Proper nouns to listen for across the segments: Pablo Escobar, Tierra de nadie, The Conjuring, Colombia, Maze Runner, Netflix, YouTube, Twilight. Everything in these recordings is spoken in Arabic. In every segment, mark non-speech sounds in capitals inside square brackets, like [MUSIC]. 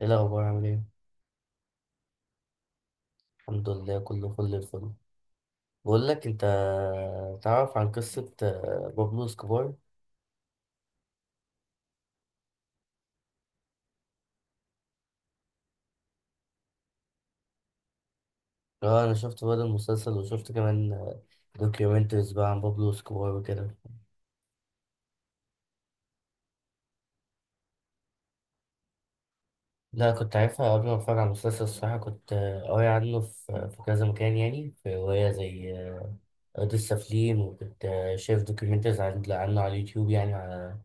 ايه الاخبار؟ عامل ايه؟ الحمد لله، كله فل الفل. بقول لك انت، تعرف عن قصه بابلو اسكوبار؟ اه، انا شفت بقى المسلسل وشفت كمان دوكيومنتريز بقى عن بابلو اسكوبار وكده. لا، كنت عارفها قبل ما اتفرج على المسلسل. الصراحه كنت قاري عنه في في كذا مكان، يعني في روايه زي ارض السافلين، وكنت شايف دوكيومنتريز عنه على اليوتيوب، يعني على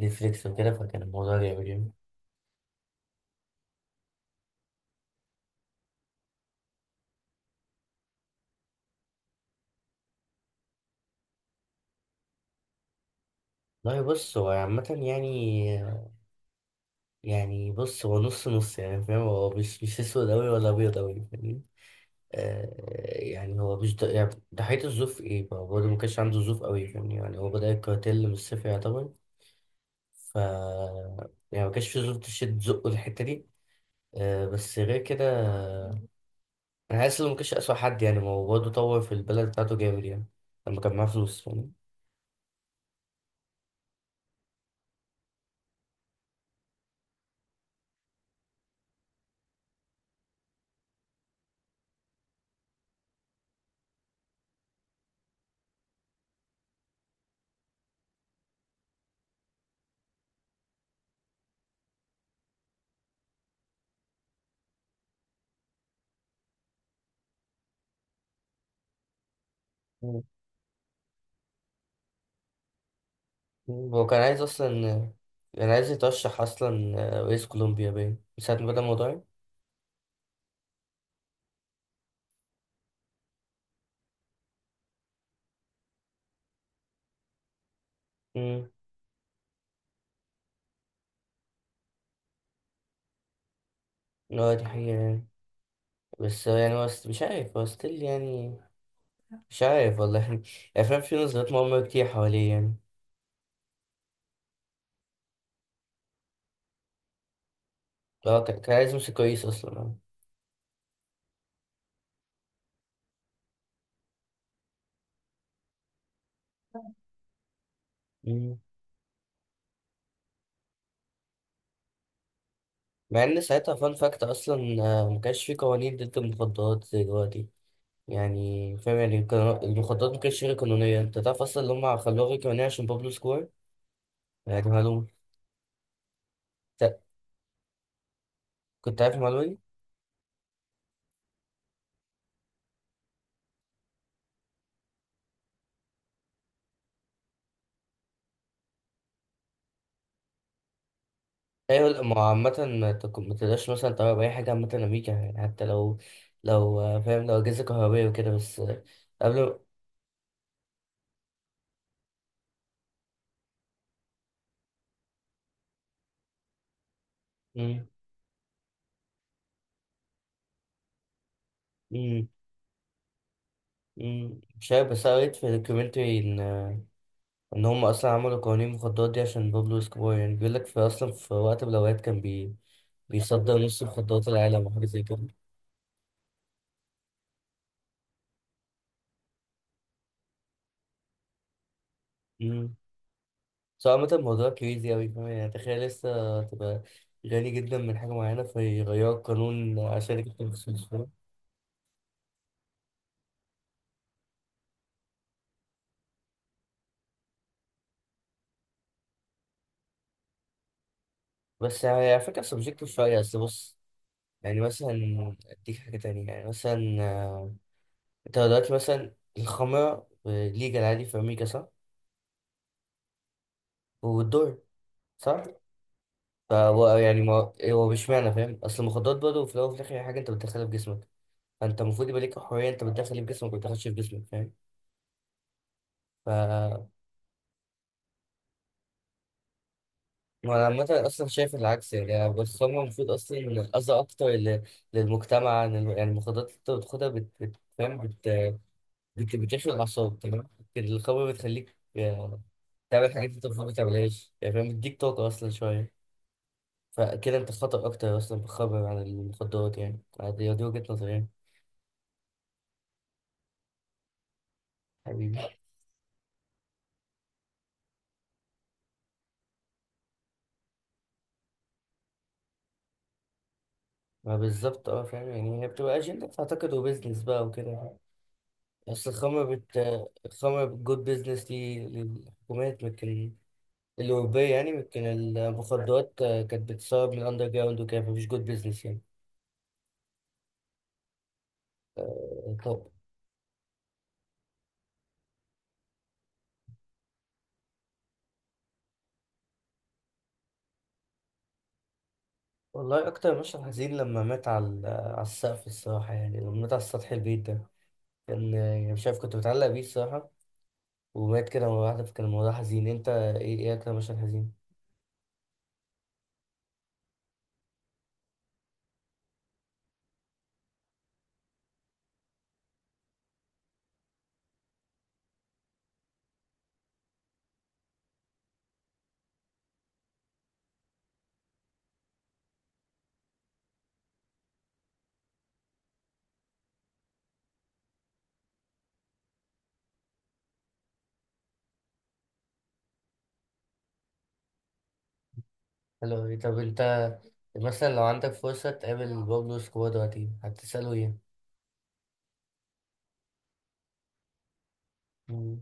نتفليكس وكده، فكان الموضوع جامد يعني. لا بص، هو عامة يعني، يعني بص هو نص نص، يعني فاهم، هو مش اسود أوي ولا أبيض أوي، فاهمني. آه. يعني هو مش ده يعني. ضحية الظروف إيه؟ ما هو برضه ما كانش عنده ظروف أوي، فاهمني؟ يعني هو بدأ الكارتيل من الصفر يعتبر. ف يعني ما كانش في ظروف تشد زقه الحتة دي. آه، بس غير كده، أنا حاسس إنه ما كانش أسوأ حد، يعني ما هو برضه طور في البلد بتاعته جامد يعني، لما كان معاه فلوس، فاهمني. مم. هو كان عايز أصلا، كان عايز يترشح أصلا رئيس كولومبيا، باين من ساعة ما بدأ الموضوع. اه، دي حقيقة يعني، بس يعني هو مش عارف، هو ستيل يعني، مش عارف والله [LAUGHS] يعني. الأفلام فيه نظريات مؤامرة كتير حواليه يعني. اه، كان عايز يمسك كويس أصلا، اه. مم. مع إن ساعتها فان فاكت أصلا، ما كانش فيه قوانين ضد المخدرات زي دلوقتي، يعني فاهم؟ يعني كان المخدرات ما كانتش غير قانونية. أنت تعرف أصلا إن هما خلوها غير قانونية عشان بابلو سكور؟ يعني معلومة. ت- كنت عارف المعلومة دي؟ ايوه، ما هو عامة ما تقدرش مثلا تغير أي حاجة عامة، أمريكا يعني، حتى لو، لو فاهم، لو أجهزة كهربائية وكده، بس قبل. مم. مم. مم، مش عارف، بس أنا قريت في دوكيومنتري إن إن هم أصلا عملوا قوانين المخدرات دي عشان بابلو اسكوبار. يعني بيقول لك في أصلا، في وقت من الأوقات، كان بيصدر نص مخدرات العالم وحاجة زي كده. مم. بس هو عامة الموضوع كريزي أوي، فاهم يعني؟ تخيل لسه تبقى غني جدا من حاجة معينة فيغيروا القانون عشان يكتب فلوس. بس يعني، على فكرة، سبجكتيف شوية، بس بص، يعني مثلا أديك حاجة تانية، يعني مثلا، أنت دلوقتي مثلا الخمرة ليجال عادي في أمريكا، صح؟ والدور، صح؟ فهو يعني، ما هو مش معنى، فاهم؟ أصل المخدرات برضه في الأول وفي الآخر هي حاجة أنت بتدخلها في جسمك، فأنت المفروض يبقى ليك حرية أنت بتدخل إيه في جسمك وما بتدخلش في جسمك، فاهم؟ ف وأنا عامة أصلا شايف العكس، يعني الخمرة المفروض أصلا أذى أكتر للمجتمع يعني، المخدرات اللي أنت بتاخدها فاهم؟ بتخلق اعصاب، تمام؟ القهوه بتخليك تعمل حاجات انت المفروض ما تعملهاش، يعني فاهم، بتديك طاقه اصلا شويه، فكده انت خطر اكتر اصلا بتخبر عن المخدرات، يعني دي وجهه نظري يعني. حبيبي. ما بالظبط، اه، فاهم يعني، هي بتبقى اجنده اعتقد وبزنس بقى وكده. اصل الخمر الخمر جود بزنس دي للحكومات، لكن الأوروبية يعني، لكن المخدرات كانت بتسرب من الأندر جراوند وكده، فمفيش جود بزنس يعني. طب. والله أكتر مشهد حزين لما مات على السقف، الصراحة يعني، لما مات على سطح البيت ده كان، يعني مش عارف، كنت متعلق بيه الصراحة، ومات كده مرة واحدة، فكان الموضوع حزين. أنت إيه أكتر مشهد حزين؟ حلو أوي. طب أنت مثلا لو عندك فرصة تقابل بابلو اسكوبار دلوقتي، هتسأله إيه؟ مم.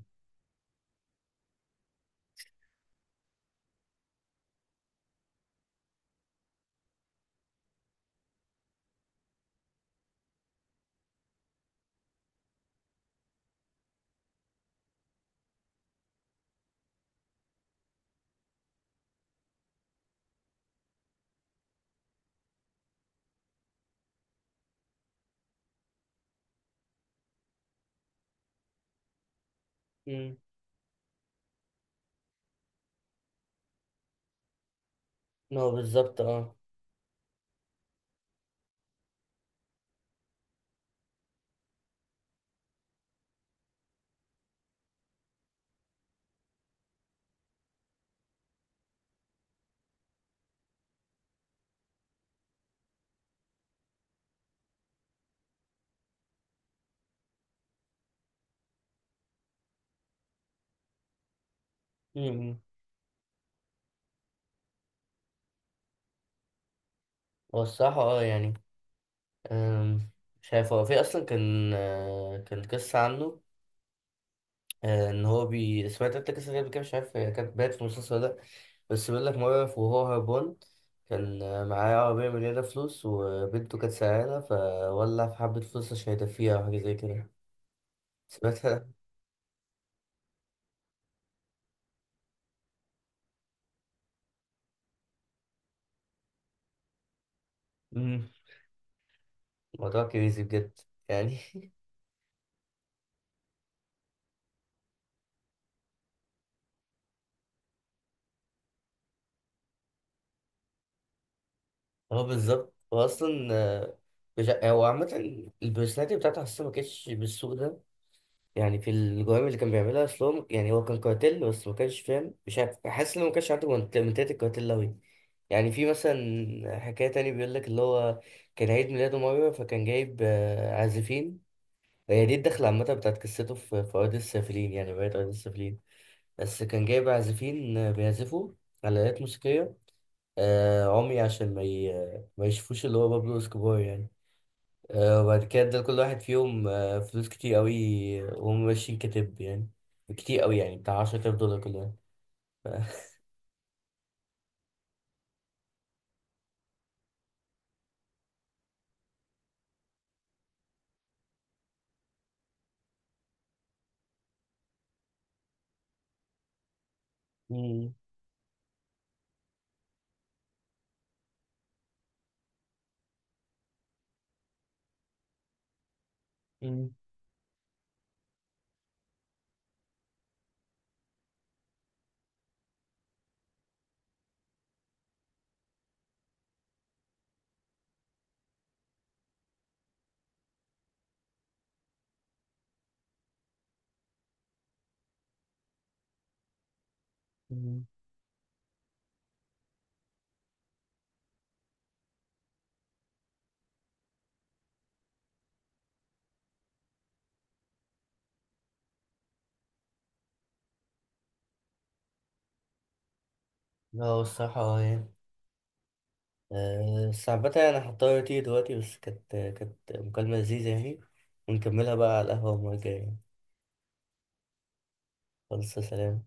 مم. هو بالظبط، أه. مم. هو الصراحة أه يعني، أم، مش عارف. هو في أصلا كان كان قصة عنه، ان هو سمعت انت قصه غريبه كده؟ مش عارف هي كانت بات في المسلسل ولا لا. بس بيقول لك، موقف وهو هربان، كان معاه عربيه مليانه فلوس، وبنته كانت سعيانه، فولع في حبه فلوس عشان يدفيها او حاجه زي كده. سمعتها؟ امم موضوع كريزي بجد يعني. [LAUGHS] هو بالظبط، هو اصلا مش ع- هو عامه البرسوناليتي بتاعته حاسه ما كانتش بالسوء ده، يعني في الجرائم اللي كان بيعملها اصلهم، يعني هو كان كارتيل بس ما كانش، فاهم؟ مش عارف، حاسس انه ما كانش عنده منتاليتي الكارتيل أوي. يعني في مثلا حكاية تاني بيقول لك، اللي هو كان عيد ميلاده مرة فكان جايب عازفين. هي دي الدخلة عامة بتاعت قصته في أرض السافلين، يعني رواية أرض السافلين. بس كان جايب عازفين بيعزفوا على آلات موسيقية، عمي عشان ما يشوفوش اللي هو بابلو اسكوبار يعني. وبعد كده ادى لكل واحد فيهم فلوس كتير قوي وهم ماشيين، كتب يعني، كتير قوي، يعني بتاع $10,000 كل واحد. ف- مم، مم، مم. [LAUGHS] لا هو الصراحة اه يعني، بس عامة أنا هضطر أطير دلوقتي، بس كانت مكالمة لذيذة يعني، ونكملها بقى على القهوة المرة الجاية يعني. خلاص، سلام.